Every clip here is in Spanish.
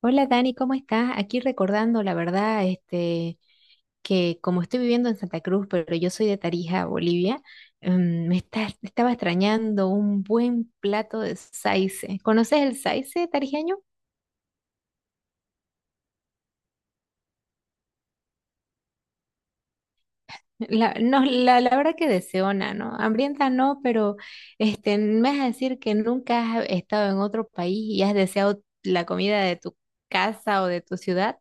Hola Dani, ¿cómo estás? Aquí recordando, la verdad, que como estoy viviendo en Santa Cruz, pero yo soy de Tarija, Bolivia. Me estaba extrañando un buen plato de saice. ¿Conoces el saice tarijeño? No, la verdad que deseona, ¿no? Hambrienta no, pero me vas a decir que nunca has estado en otro país y has deseado la comida de tu casa o de tu ciudad.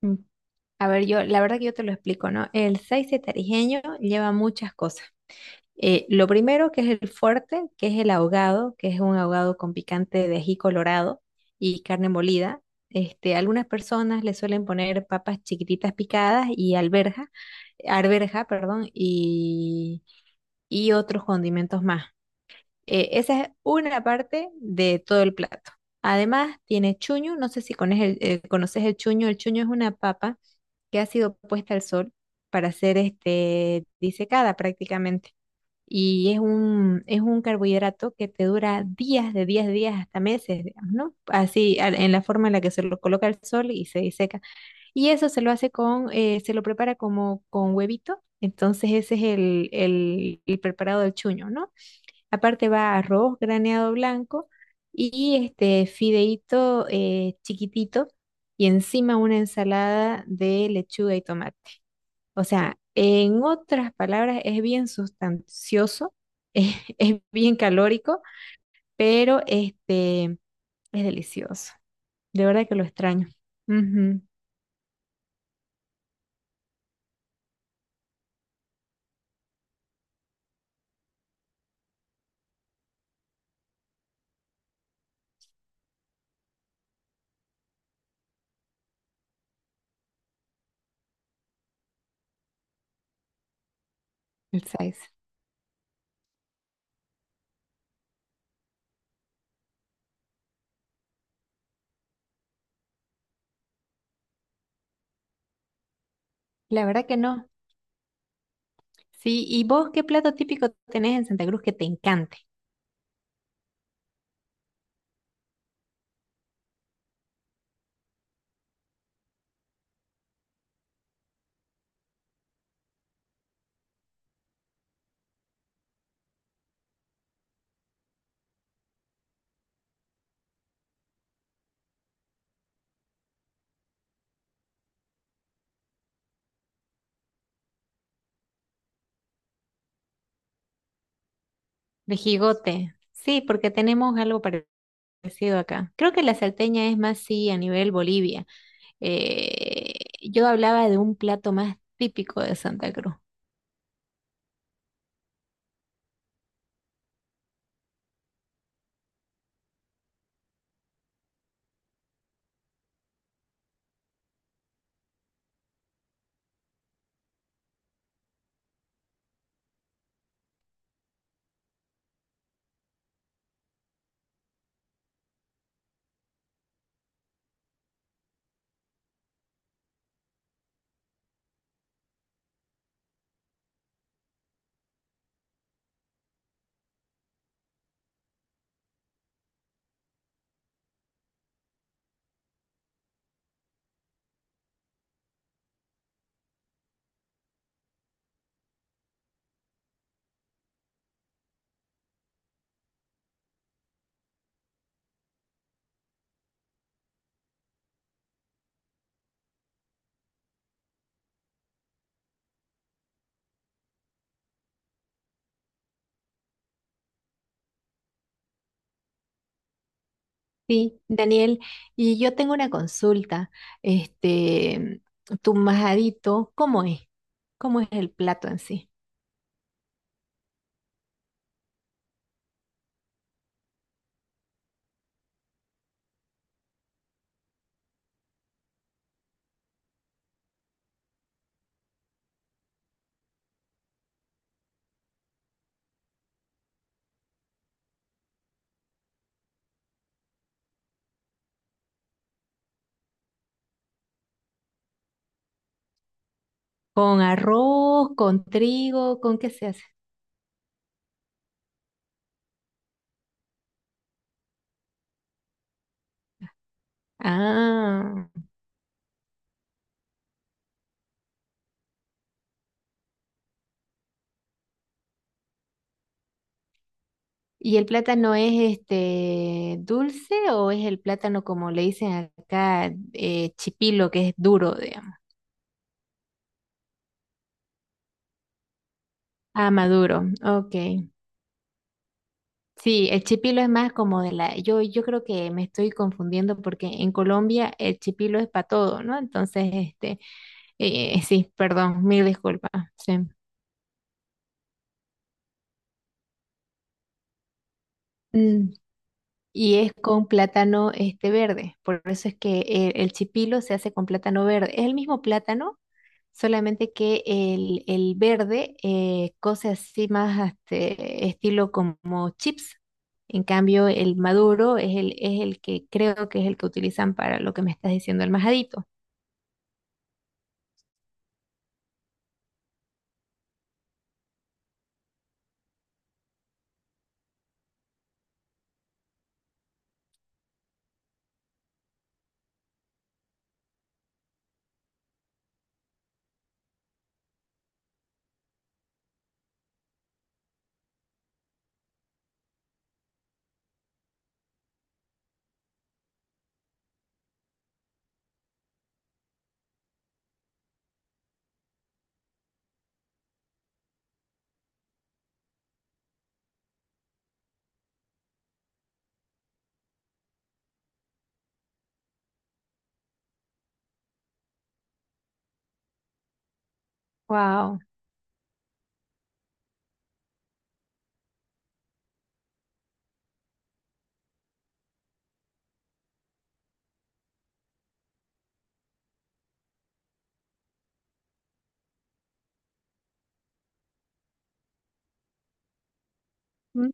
Mm. A ver, yo, la verdad que yo te lo explico, ¿no? El saice tarijeño lleva muchas cosas. Lo primero que es el fuerte, que es el ahogado, que es un ahogado con picante de ají colorado y carne molida. Algunas personas le suelen poner papas chiquititas picadas y alberja, arberja, perdón, y otros condimentos más. Esa es una parte de todo el plato. Además, tiene chuño, no sé si cones conoces el chuño. El chuño es una papa que ha sido puesta al sol para ser este, disecada prácticamente y es es un carbohidrato que te dura días, de 10 días hasta meses, digamos, ¿no? Así, en la forma en la que se lo coloca al sol y se diseca. Y eso se lo hace se lo prepara como con huevito. Entonces ese es el preparado del chuño, ¿no? Aparte va arroz graneado blanco y este fideíto chiquitito y encima una ensalada de lechuga y tomate. O sea, en otras palabras, es bien sustancioso, es bien calórico, pero este es delicioso. De verdad que lo extraño. Ujú, el size. La verdad que no. Sí, ¿y vos qué plato típico tenés en Santa Cruz que te encante? De jigote. Sí, porque tenemos algo parecido acá. Creo que la salteña es más, sí, a nivel Bolivia. Eh, yo hablaba de un plato más típico de Santa Cruz. Sí, Daniel, y yo tengo una consulta. Este, Tu majadito, ¿cómo es? ¿Cómo es el plato en sí? ¿Con arroz, con trigo, con qué se hace? Ah, ¿y el plátano es este dulce o es el plátano como le dicen acá, chipilo, que es duro, digamos? Ah, maduro, ok. Sí, el chipilo es más como de la, yo creo que me estoy confundiendo porque en Colombia el chipilo es para todo, ¿no? Entonces, sí, perdón, mil disculpas. Sí. Mm, y es con plátano este verde. Por eso es que chipilo se hace con plátano verde. Es el mismo plátano, solamente que el verde cose así más este, estilo como chips. En cambio, el maduro es es el que creo que es el que utilizan para lo que me estás diciendo, el majadito. Wow. Mm.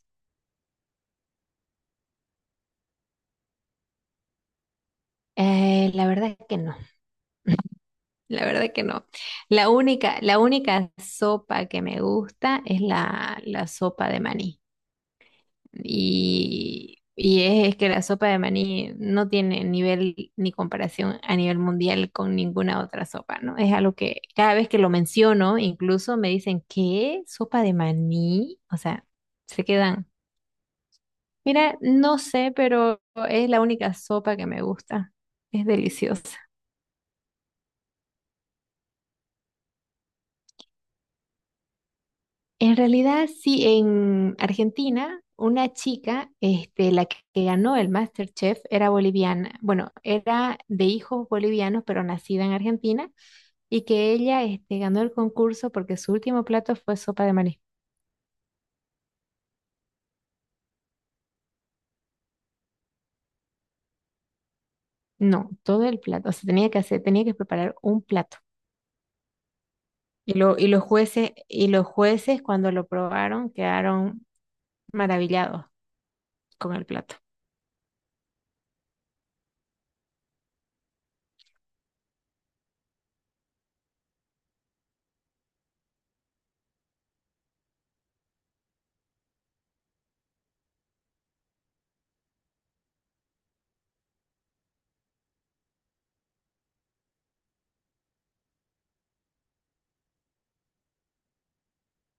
La verdad que no, la verdad que no. La única sopa que me gusta es la sopa de maní. Y, es que la sopa de maní no tiene nivel ni comparación a nivel mundial con ninguna otra sopa, ¿no? Es algo que cada vez que lo menciono, incluso me dicen, ¿qué? ¿Sopa de maní? O sea, se quedan. Mira, no sé, pero es la única sopa que me gusta. Es deliciosa. En realidad, sí, en Argentina, una chica, la que ganó el MasterChef, era boliviana. Bueno, era de hijos bolivianos, pero nacida en Argentina, y que ella, ganó el concurso porque su último plato fue sopa de maní. No, todo el plato. O sea, tenía que hacer, tenía que preparar un plato. Y lo, y los jueces cuando lo probaron quedaron maravillados con el plato.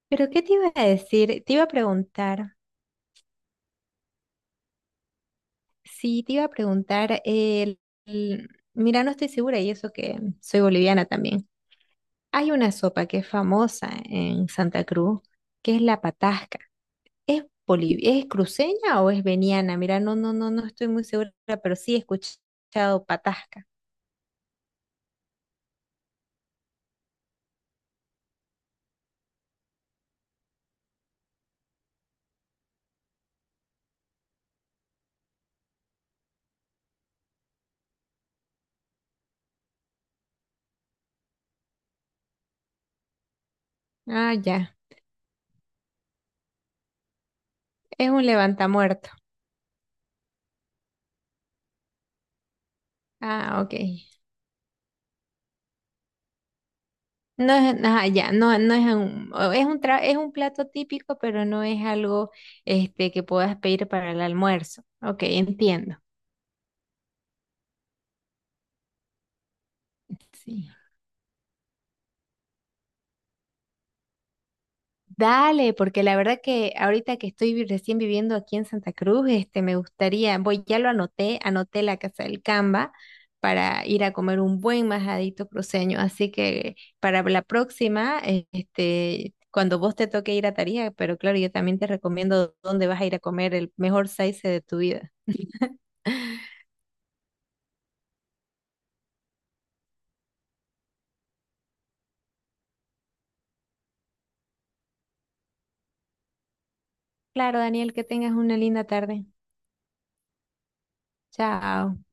Pero ¿qué te iba a decir? Te iba a preguntar. Sí, te iba a preguntar, mira, no estoy segura y eso que soy boliviana también. Hay una sopa que es famosa en Santa Cruz, que es la patasca. ¿Es es cruceña o es veniana? Mira, no, no, no, no estoy muy segura, pero sí he escuchado patasca. Ah, ya, es un levantamuerto. Ah, ok. No es, ah, ya, no, no es un, o es un es un plato típico, pero no es algo este que puedas pedir para el almuerzo. Ok, entiendo. Sí. Dale, porque la verdad que ahorita que estoy recién viviendo aquí en Santa Cruz, me gustaría, voy, ya lo anoté, anoté la Casa del Camba para ir a comer un buen majadito cruceño, así que para la próxima, cuando vos te toque ir a Tarija, pero claro, yo también te recomiendo dónde vas a ir a comer el mejor saice de tu vida. Claro, Daniel, que tengas una linda tarde. Chao.